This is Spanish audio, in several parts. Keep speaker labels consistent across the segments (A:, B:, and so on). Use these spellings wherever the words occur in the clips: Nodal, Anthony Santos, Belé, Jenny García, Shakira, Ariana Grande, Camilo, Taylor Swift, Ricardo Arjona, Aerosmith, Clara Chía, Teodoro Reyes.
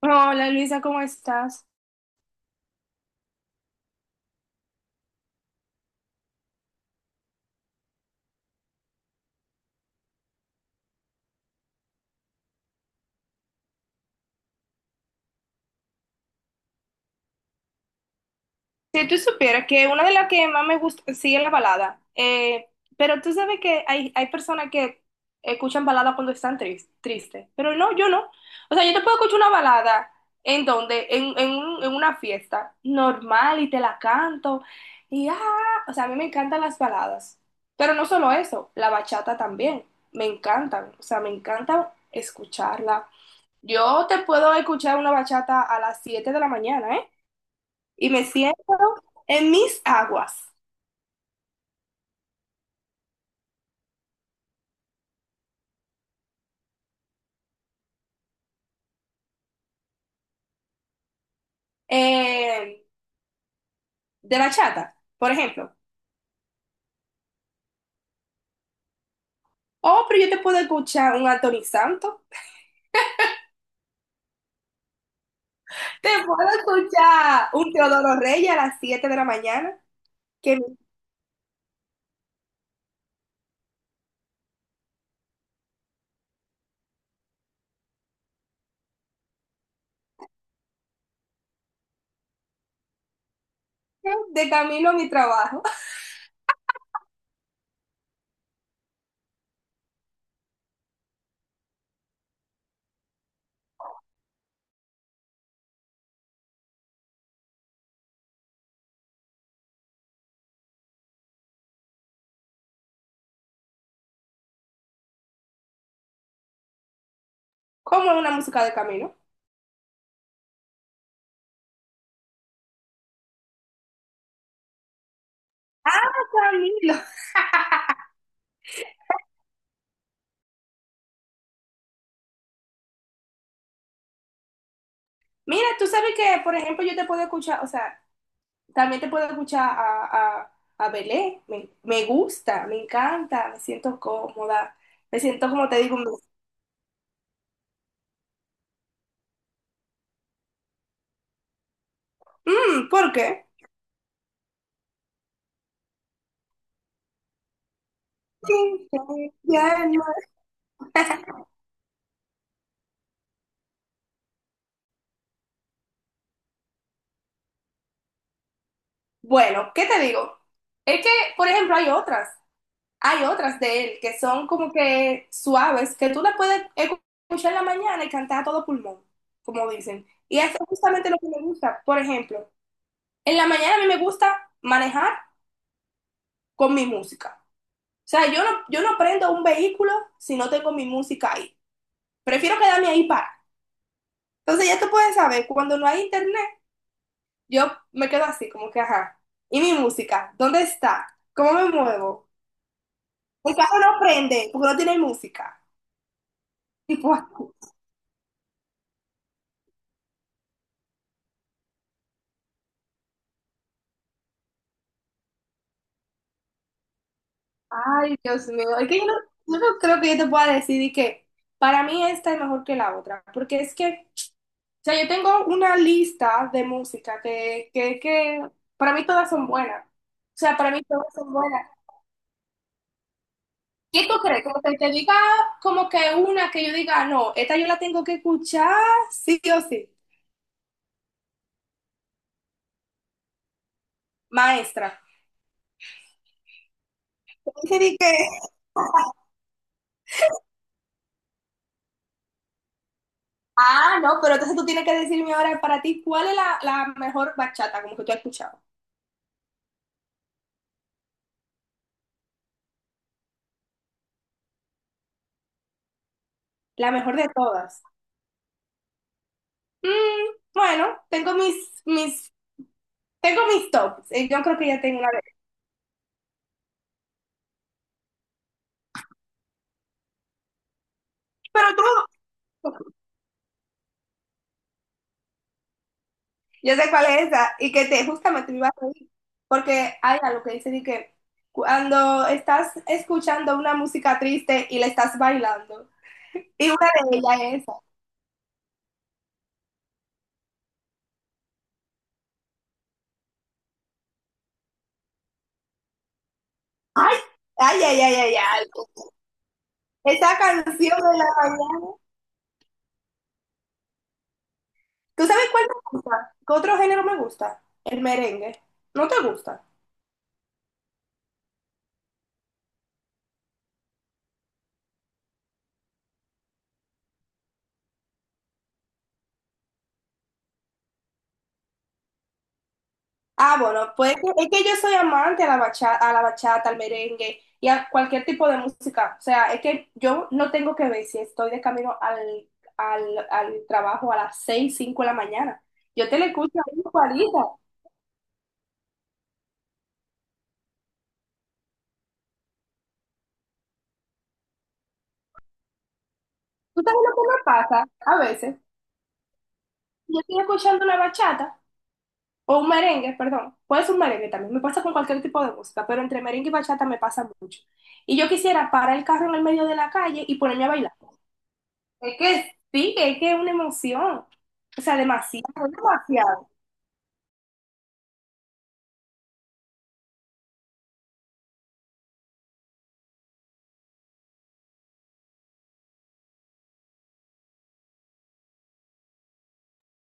A: Hola Luisa, ¿cómo estás? Si tú supieras que una de las que más me gusta, sí, es la balada. Pero tú sabes que hay personas que escuchan balada cuando están tristes, pero no, yo no. O sea, yo te puedo escuchar una balada en donde, en una fiesta normal y te la canto y ah, o sea, a mí me encantan las baladas, pero no solo eso, la bachata también, me encantan, o sea, me encanta escucharla. Yo te puedo escuchar una bachata a las 7 de la mañana, ¿eh? Y me siento en mis aguas eh, de bachata, por ejemplo. Oh, pero yo te puedo escuchar un Anthony Santos, te puedo escuchar un Teodoro Reyes a las 7 de la mañana, que me dice de camino a mi trabajo. ¿Cómo es una música de camino? Ah, Camilo. Mira, tú sabes que, por ejemplo, yo te puedo escuchar, o sea, también te puedo escuchar a Belé. Me gusta, me encanta, me siento cómoda. Me siento, como te digo. Mm, ¿por qué? Bueno, ¿qué te digo? Es que, por ejemplo, hay otras de él que son como que suaves, que tú las puedes escuchar en la mañana y cantar a todo pulmón, como dicen. Y eso es justamente lo que me gusta. Por ejemplo, en la mañana a mí me gusta manejar con mi música. O sea, yo no prendo un vehículo si no tengo mi música ahí. Prefiero quedarme ahí para. Entonces ya tú puedes saber, cuando no hay internet, yo me quedo así, como que, ajá. ¿Y mi música? ¿Dónde está? ¿Cómo me muevo? El carro no prende porque no tiene música. Tipo, ay, Dios mío. Es que yo no creo que yo te pueda decir y que para mí esta es mejor que la otra. Porque es que, o sea, yo tengo una lista de música que para mí todas son buenas. O sea, para mí todas son buenas. ¿Qué tú crees? Como que te diga, como que una que yo diga, no, esta yo la tengo que escuchar, sí o sí. Maestra. Entonces dije, no, pero entonces tú tienes que decirme ahora para ti cuál es la mejor bachata, como que tú has escuchado. La mejor de todas. Mm, bueno, tengo mis, tengo mis tops. Yo creo que ya tengo una vez. Pero tú, yo sé cuál es esa y que te justamente me iba a reír. Porque hay algo que dice de que cuando estás escuchando una música triste y la estás bailando. Y una de ellas es esa. Ay, ay, ay, ay, ay, ay. Esa canción de la mañana. ¿Tú sabes cuál me gusta? ¿Qué otro género me gusta? El merengue. ¿No te gusta? Ah, bueno, pues es que yo soy amante a la bachata, al merengue y a cualquier tipo de música. O sea, es que yo no tengo que ver si estoy de camino al trabajo a las 6 5 de la mañana. Yo te la escucho a 40. ¿Tú sabes lo que me pasa? A veces, yo estoy escuchando la bachata o un merengue, perdón. Puede ser un merengue también. Me pasa con cualquier tipo de música, pero entre merengue y bachata me pasa mucho. Y yo quisiera parar el carro en el medio de la calle y ponerme a bailar. Es que sí, es que es una emoción. O sea, demasiado, demasiado.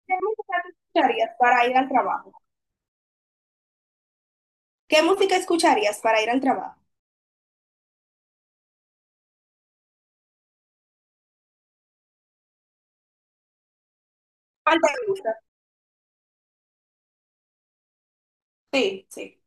A: ¿Qué música tú escucharías para ir al trabajo? ¿Qué música escucharías para ir al trabajo? ¿Cuál te gusta? Sí, sí.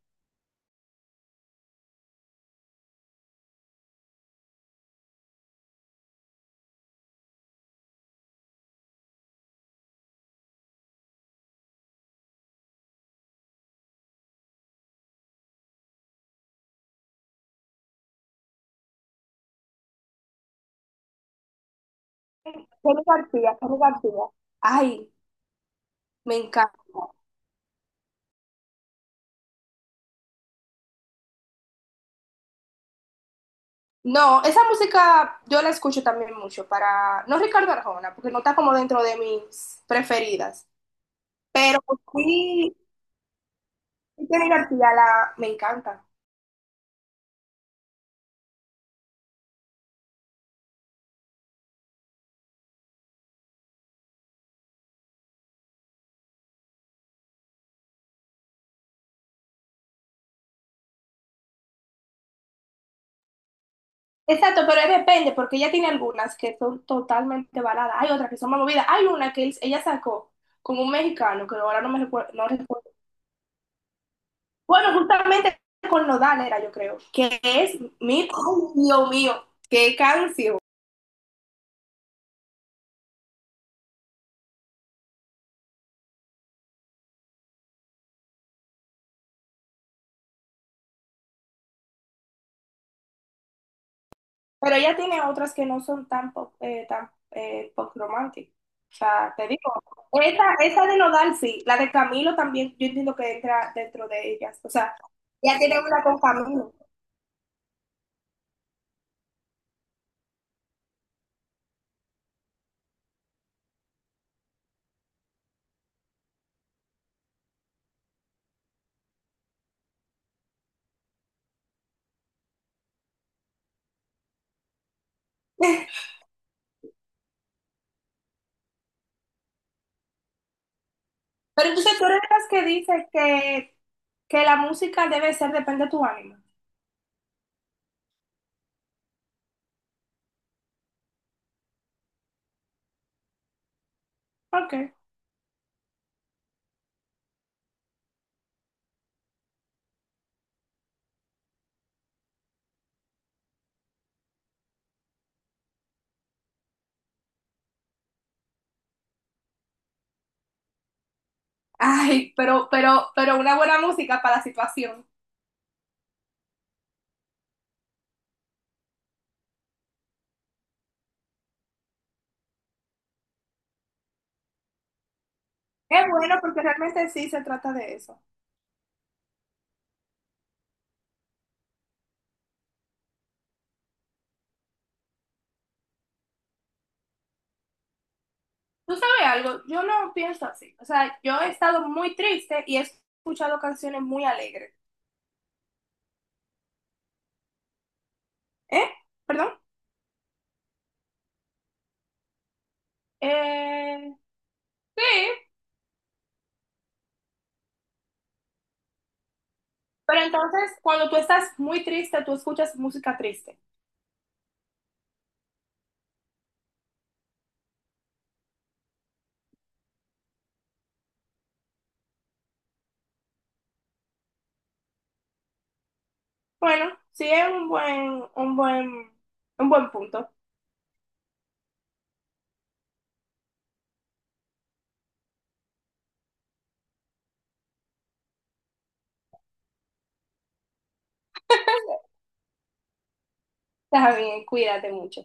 A: Jenny García, Jenny García. Ay, me encanta. No, esa música yo la escucho también mucho para, no Ricardo Arjona, porque no está como dentro de mis preferidas, pero sí, sí Jenny García la, me encanta. Exacto, pero es depende, porque ella tiene algunas que son totalmente baladas, hay otras que son más movidas, hay una que ella sacó con un mexicano, que ahora no recuerdo. Bueno, justamente con Nodal era, yo creo, que es mi, ay, Dios mío, qué canción. Pero ella tiene otras que no son tan pop romantic. O sea, te digo, esa de Nodal sí, la de Camilo también, yo entiendo que entra dentro de ellas. O sea, ella tiene una con Camilo. Pero entonces tú eres de las que dice que la música debe ser, depende de tu ánimo. Ok. Ay, pero una buena música para la situación. Es bueno porque realmente sí se trata de eso. Tú sabes algo, yo no pienso así. O sea, yo he estado muy triste y he escuchado canciones muy alegres. ¿Eh? ¿Perdón? Eh, sí, pero entonces cuando tú estás muy triste, tú escuchas música triste. Bueno, sí es un buen punto. También, cuídate mucho.